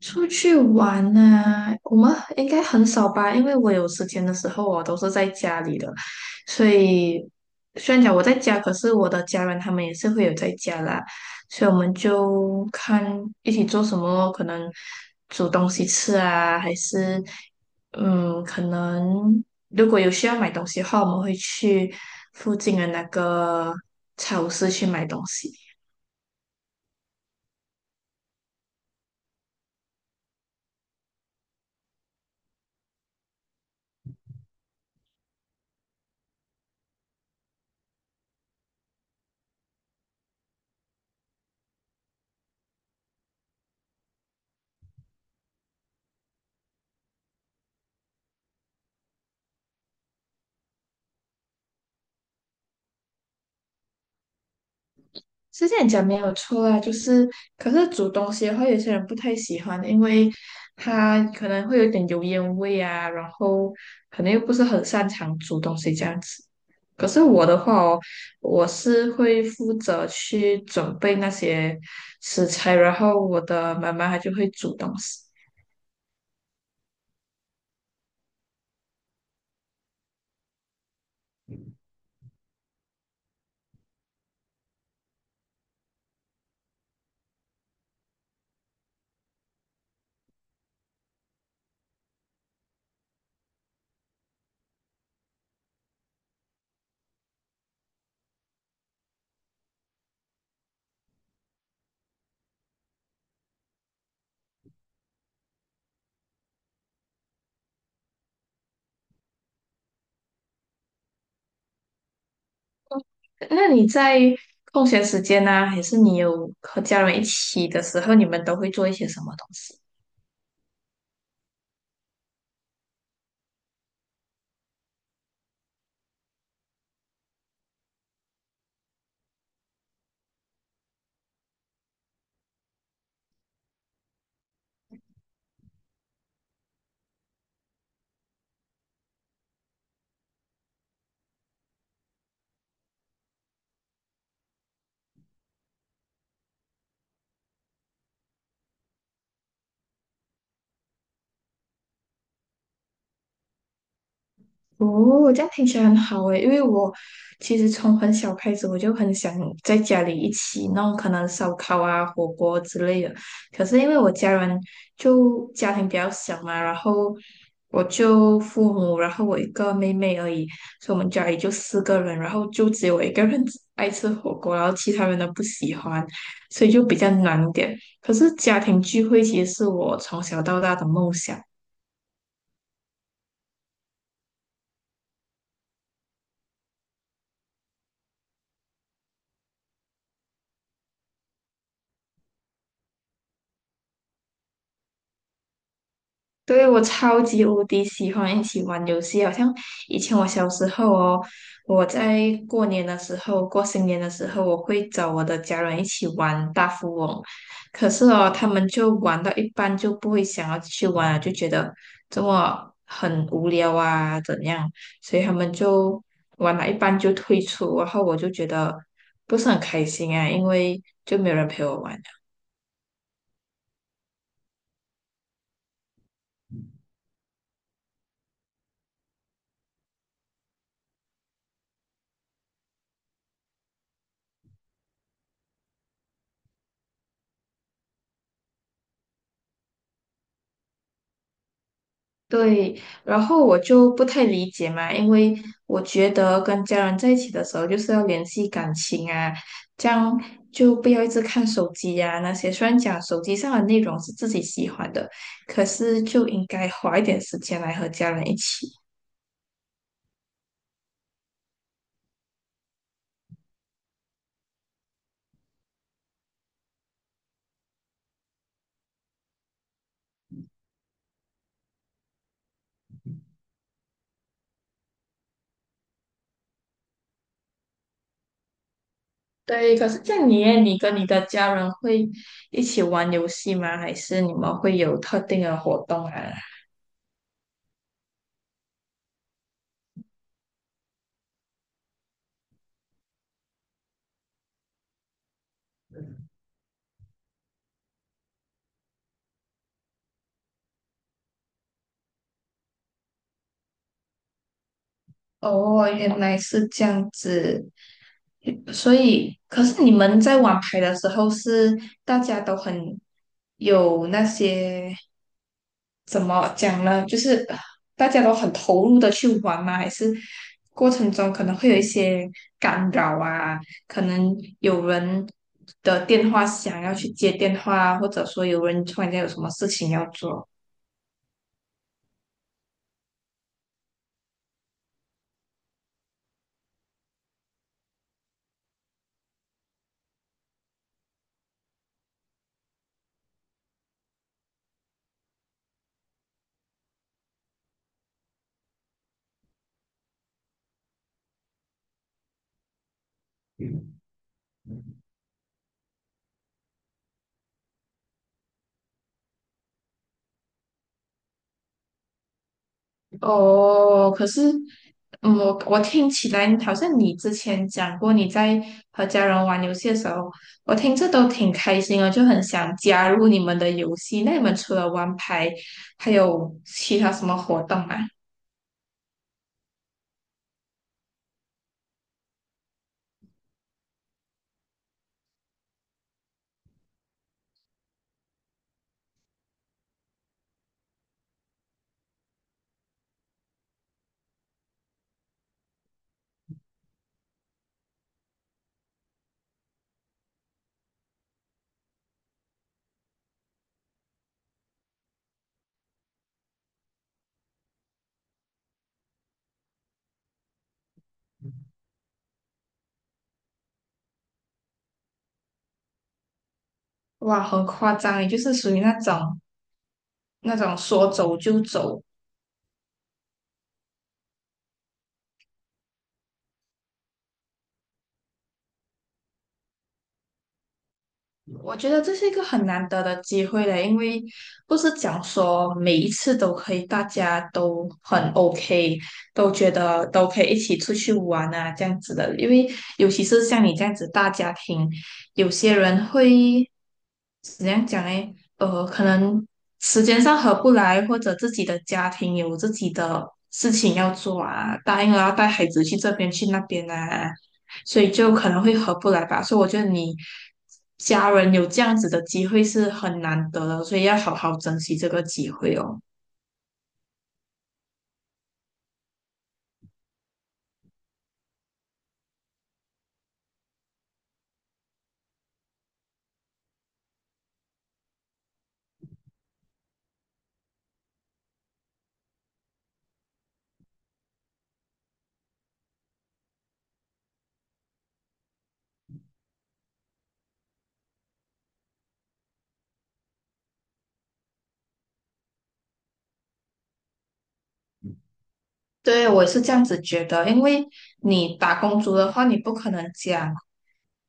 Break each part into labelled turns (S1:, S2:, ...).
S1: 出去玩呢、我们应该很少吧，因为我有时间的时候，我都是在家里的，所以虽然讲我在家，可是我的家人他们也是会有在家啦，所以我们就看一起做什么，可能煮东西吃啊，还是可能如果有需要买东西的话，我们会去附近的那个超市去买东西。是这样讲没有错啊，就是可是煮东西的话，有些人不太喜欢，因为他可能会有点油烟味啊，然后可能又不是很擅长煮东西这样子。可是我的话哦，我是会负责去准备那些食材，然后我的妈妈她就会煮东西。那你在空闲时间呢、还是你有和家人一起的时候，你们都会做一些什么东西？哦，这样听起来很好诶，因为我其实从很小开始我就很想在家里一起弄可能烧烤啊、火锅之类的。可是因为我家人就家庭比较小嘛，然后我就父母，然后我一个妹妹而已，所以我们家里就四个人，然后就只有我一个人 爱吃火锅，然后其他人都不喜欢，所以就比较难一点。可是家庭聚会其实是我从小到大的梦想。对，我超级无敌喜欢一起玩游戏，好像以前我小时候哦，我在过年的时候、过新年的时候，我会找我的家人一起玩大富翁，可是哦，他们就玩到一半就不会想要继续玩了，就觉得这么很无聊啊，怎样，所以他们就玩了一半就退出，然后我就觉得不是很开心啊，因为就没有人陪我玩。对，然后我就不太理解嘛，因为我觉得跟家人在一起的时候就是要联系感情啊，这样就不要一直看手机呀、那些。虽然讲手机上的内容是自己喜欢的，可是就应该花一点时间来和家人一起。对，可是像你耶你跟你的家人会一起玩游戏吗？还是你们会有特定的活动啊？哦，原来是这样子，所以，可是你们在玩牌的时候是大家都很有那些怎么讲呢？就是大家都很投入的去玩吗？还是过程中可能会有一些干扰啊？可能有人的电话响要去接电话，或者说有人突然间有什么事情要做。哦，可是，我听起来好像你之前讲过你在和家人玩游戏的时候，我听着都挺开心的，就很想加入你们的游戏。那你们除了玩牌，还有其他什么活动吗？哇，很夸张，也就是属于那种那种说走就走，我觉得这是一个很难得的机会嘞，因为不是讲说每一次都可以，大家都很 OK，都觉得都可以一起出去玩啊，这样子的。因为尤其是像你这样子大家庭，有些人会怎样讲嘞？可能时间上合不来，或者自己的家庭有自己的事情要做啊，答应了要带孩子去这边去那边啊，所以就可能会合不来吧。所以我觉得你家人有这样子的机会是很难得的，所以要好好珍惜这个机会哦。对，我也是这样子觉得，因为你打工族的话，你不可能讲，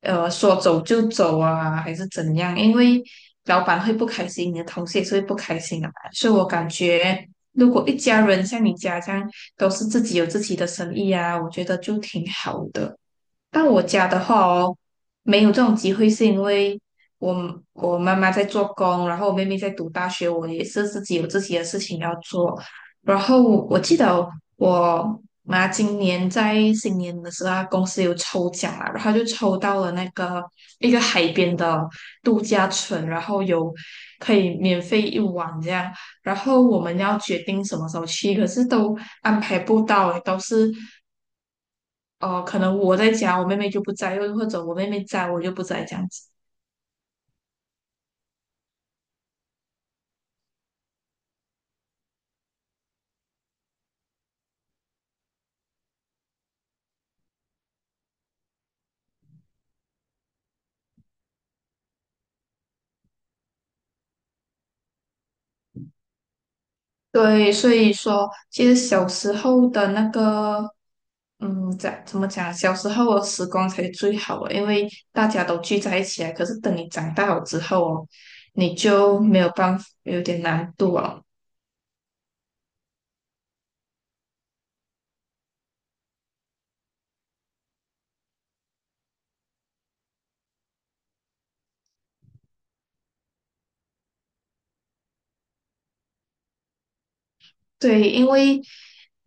S1: 说走就走啊，还是怎样，因为老板会不开心，你的同事也是会不开心的嘛。所以我感觉，如果一家人像你家这样，都是自己有自己的生意啊，我觉得就挺好的。到我家的话哦，没有这种机会，是因为我妈妈在做工，然后我妹妹在读大学，我也是自己有自己的事情要做。然后我记得我妈今年在新年的时候，她公司有抽奖啦，然后她就抽到了那个一个海边的度假村，然后有可以免费一晚这样。然后我们要决定什么时候去，可是都安排不到欸，都是可能我在家，我妹妹就不在，又或者我妹妹在，我就不在这样子。对，所以说，其实小时候的那个，在怎么讲？小时候的时光才是最好的，因为大家都聚在一起啊。可是等你长大了之后哦，你就没有办法，有点难度哦。对，因为，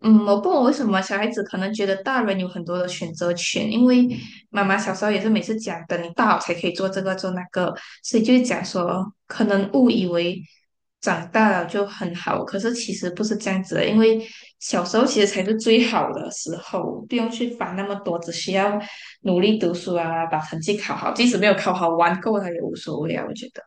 S1: 我不懂为什么小孩子可能觉得大人有很多的选择权，因为妈妈小时候也是每次讲，等你大了才可以做这个做那个，所以就是讲说，可能误以为长大了就很好，可是其实不是这样子的，因为小时候其实才是最好的时候，不用去烦那么多，只需要努力读书啊，把成绩考好，即使没有考好，玩够了也无所谓啊，我觉得。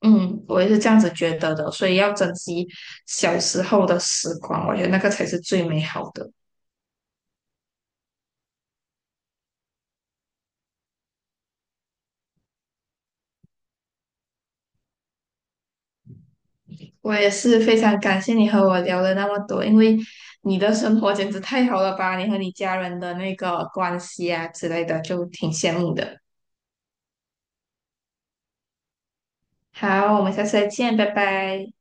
S1: 嗯，我也是这样子觉得的，所以要珍惜小时候的时光，我觉得那个才是最美好的。我也是非常感谢你和我聊了那么多，因为你的生活简直太好了吧，你和你家人的那个关系啊之类的，就挺羡慕的。好，我们下次再见，拜拜。